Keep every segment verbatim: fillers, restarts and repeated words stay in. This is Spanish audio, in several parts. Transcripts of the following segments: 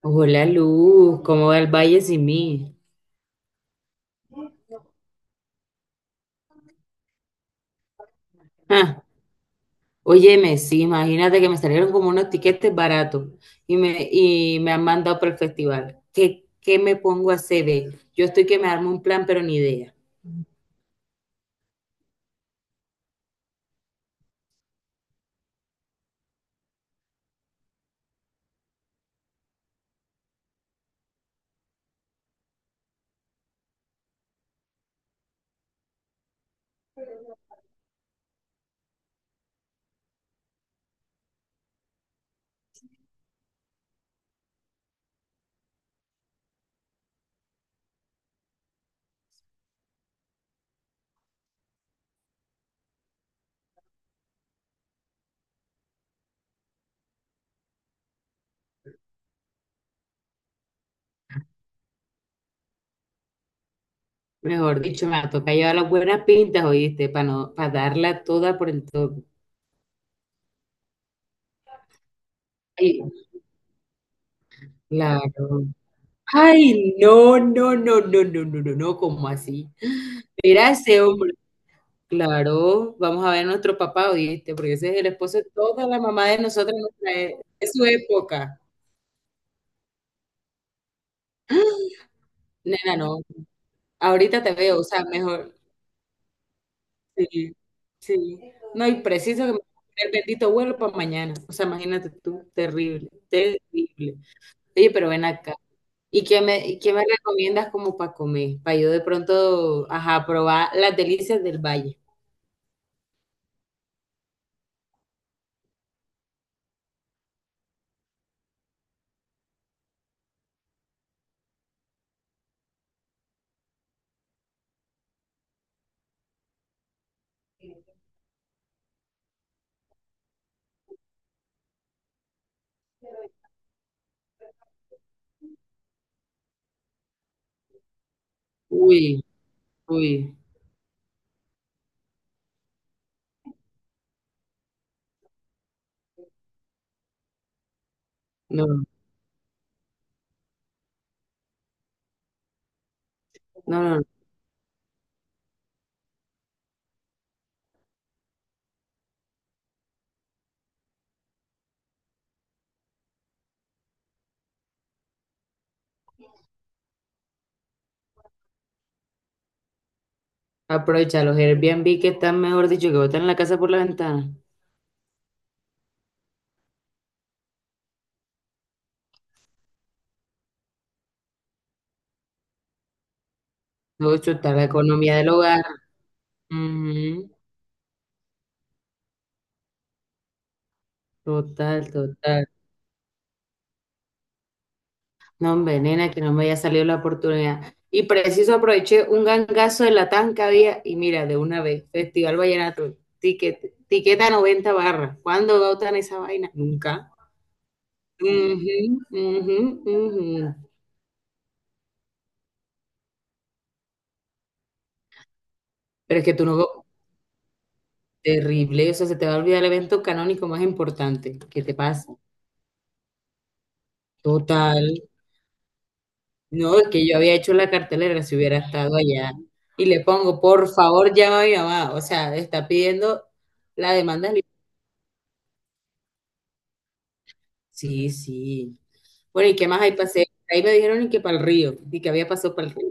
Hola Luz, ¿cómo va el valle sin mí? Ah, óyeme, sí, imagínate que me salieron como unos tiquetes baratos y me, y me han mandado para el festival. ¿Qué, qué me pongo a hacer, ve? Yo estoy que me armo un plan, pero ni idea. Mejor dicho, me toca llevar las buenas pintas, oíste, para no, para darla toda por el todo. Ay, claro. Ay, no, no, no, no, no, no, no, no, ¿cómo así? Mira ese hombre. Claro, vamos a ver a nuestro papá, ¿oíste? Porque ese es el esposo de toda la mamá de nosotros, en nuestra e- de su época. Nena, no. Ahorita te veo, o sea, mejor. Sí, sí. No, y preciso que me el bendito vuelo para mañana. O sea, imagínate tú, terrible, terrible. Oye, pero ven acá. ¿Y qué me, y qué me recomiendas como para comer? Para yo de pronto, ajá, probar las delicias del valle. Uy, uy. No, no, no, no. Aprovecha los Airbnb que están, mejor dicho, que botan la casa por la ventana. No, chutar la economía del hogar. Ujú, total, total. No, hombre, nena, que no me haya salido la oportunidad. Y preciso aproveché un gangazo de la que había y mira, de una vez, Festival Vallenato, tiquete- tiqueta noventa barras. ¿Cuándo botan esa vaina? Nunca. Ujú, ujú, ujú. Pero es que tú no... Terrible, o sea, se te va a olvidar el evento canónico más importante. ¿Qué te pasa? Total. No, es que yo había hecho la cartelera si hubiera estado allá. Y le pongo, por favor, llama a mi mamá. O sea, está pidiendo la demanda. Del... sí, sí. Bueno, ¿y qué más hay paseo? Ahí me dijeron y que para el río, y que había pasado para el río.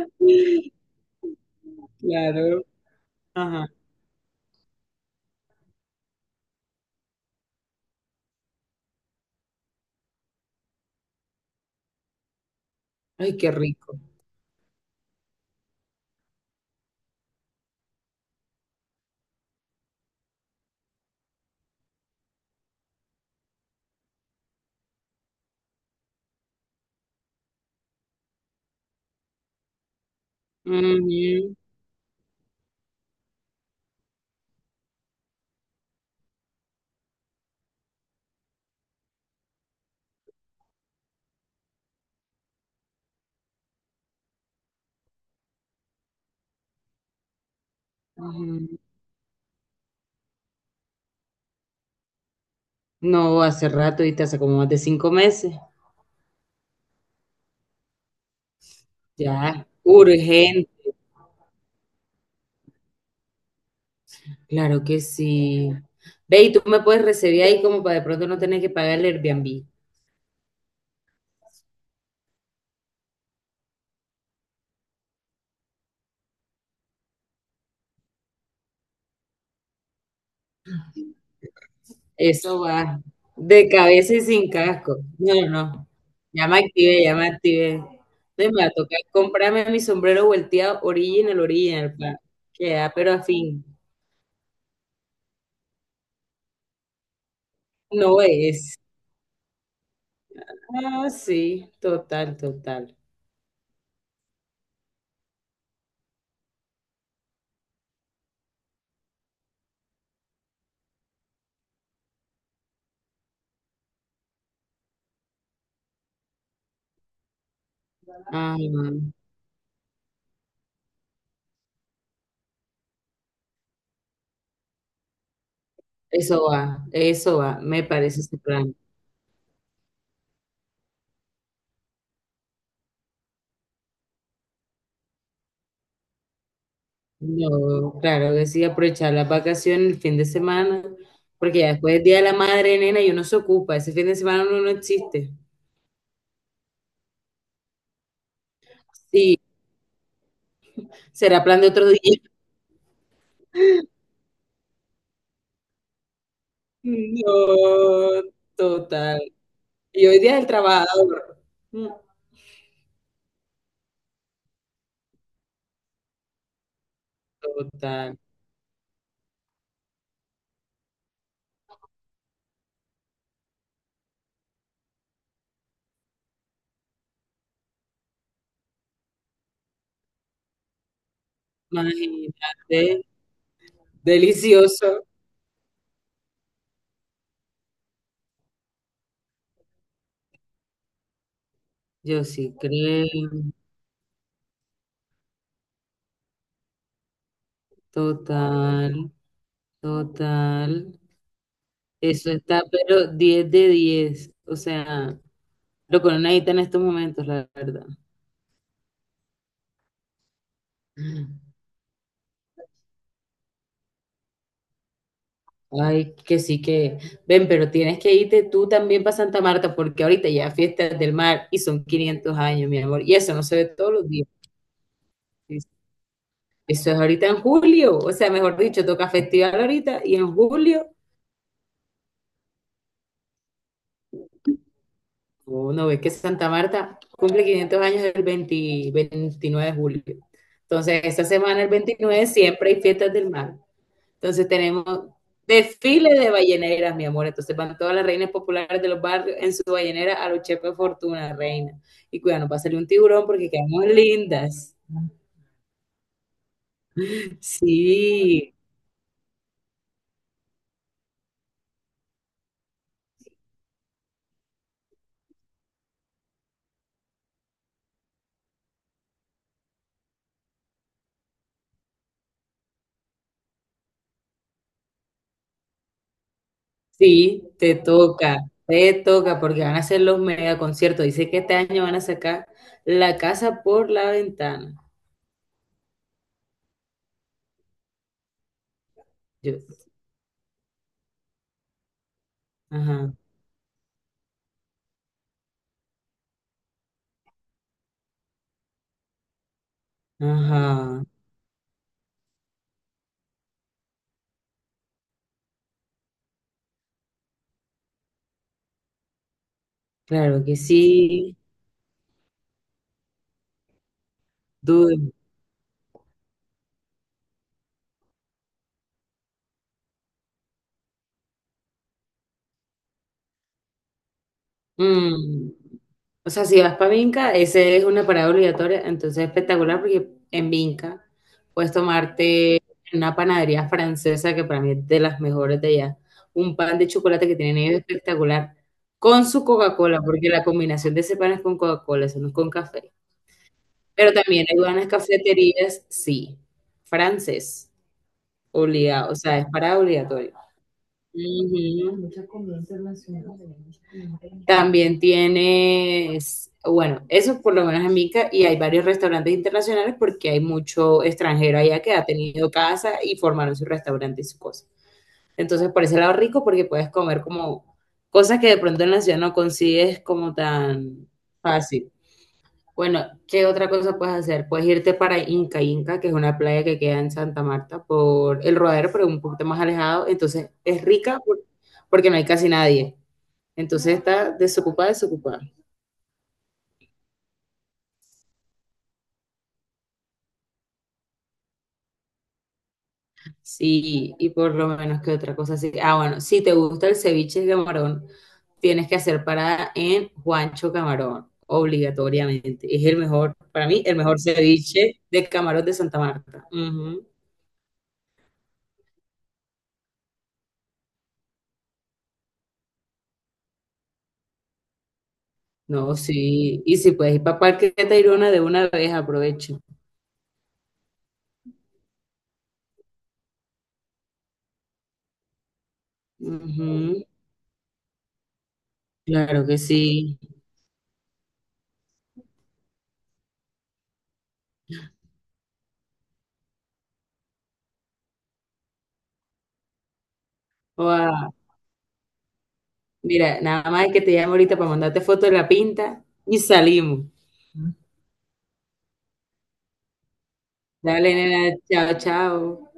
Claro. Ajá. Ay, qué rico. Ujú, ujú. No, hace rato, y hace como más de cinco meses. Ya, urgente. Claro que sí. Ve, y tú me puedes recibir ahí como para de pronto no tener que pagar el Airbnb. Eso va de cabeza y sin casco. No, no. Ya me activé, ya me activé. De me va a tocar comprarme mi sombrero volteado original, original, pa. Queda, pero a fin. No es. Ah, sí, total, total. Ah, eso va, eso va. Me parece ese plan. No, claro que sí, aprovechar las vacaciones el fin de semana, porque ya después del Día de la Madre, nena, y uno se ocupa. Ese fin de semana uno no existe. Sí, será plan de otro día. No, total. Y hoy día es el trabajador. Mm, total. Imagínate. Delicioso. Yo sí creo. Total. Total. Eso está, pero diez de diez. O sea, lo que uno necesita en estos momentos, la verdad. Ay, que sí que. Ven, pero tienes que irte tú también para Santa Marta, porque ahorita ya fiestas del mar y son quinientos años, mi amor. Y eso no se ve todos los días. Sí, eso es ahorita en julio, o sea, mejor dicho, toca festival ahorita y en julio, uno ve que Santa Marta cumple quinientos años el veinte veintinueve de julio. Entonces, esta semana, el veintinueve siempre hay fiestas del mar. Entonces, tenemos desfile de balleneras, mi amor. Entonces, van todas las reinas populares de los barrios en su ballenera a los chefes Fortuna, reina. Y cuidado, no va a un tiburón porque quedamos lindas. Sí, sí, te toca, te toca, porque van a hacer los mega conciertos. Dice que este año van a sacar la casa por la ventana. Yo, ajá, ajá, claro que sí, dude. Mm, o sea, si vas para Vinca, ese es una parada obligatoria, entonces es espectacular porque en Vinca puedes tomarte una panadería francesa que para mí es de las mejores de allá. Un pan de chocolate que tienen ellos espectacular con su Coca-Cola, porque la combinación de ese pan es con Coca-Cola, eso no es con café. Pero también hay buenas cafeterías, sí, francés, obligado, o sea, es parada obligatoria. Ujú. También tienes, bueno, eso por lo menos en Mica, y hay varios restaurantes internacionales porque hay mucho extranjero allá que ha tenido casa y formaron su restaurante y su cosa. Entonces, por ese lado rico porque puedes comer como cosas que de pronto en la ciudad no consigues como tan fácil. Bueno, ¿qué otra cosa puedes hacer? Puedes irte para Inca Inca, que es una playa que queda en Santa Marta por el Rodadero, pero un poquito más alejado. Entonces es rica por- porque no hay casi nadie. Entonces está desocupada, desocupada. Sí, y por lo menos que otra cosa así. Ah, bueno, si te gusta el ceviche de camarón, tienes que hacer parada en Juancho Camarón, obligatoriamente. Es el mejor, para mí, el mejor ceviche de camarón de Santa Marta. No, sí. Y si puedes ir para Parque Tayrona de una vez, aprovecho. Ujú, claro que sí. Oa, mira, nada más que te llamo ahorita para mandarte foto de la pinta y salimos. Dale, nena, chao, chao.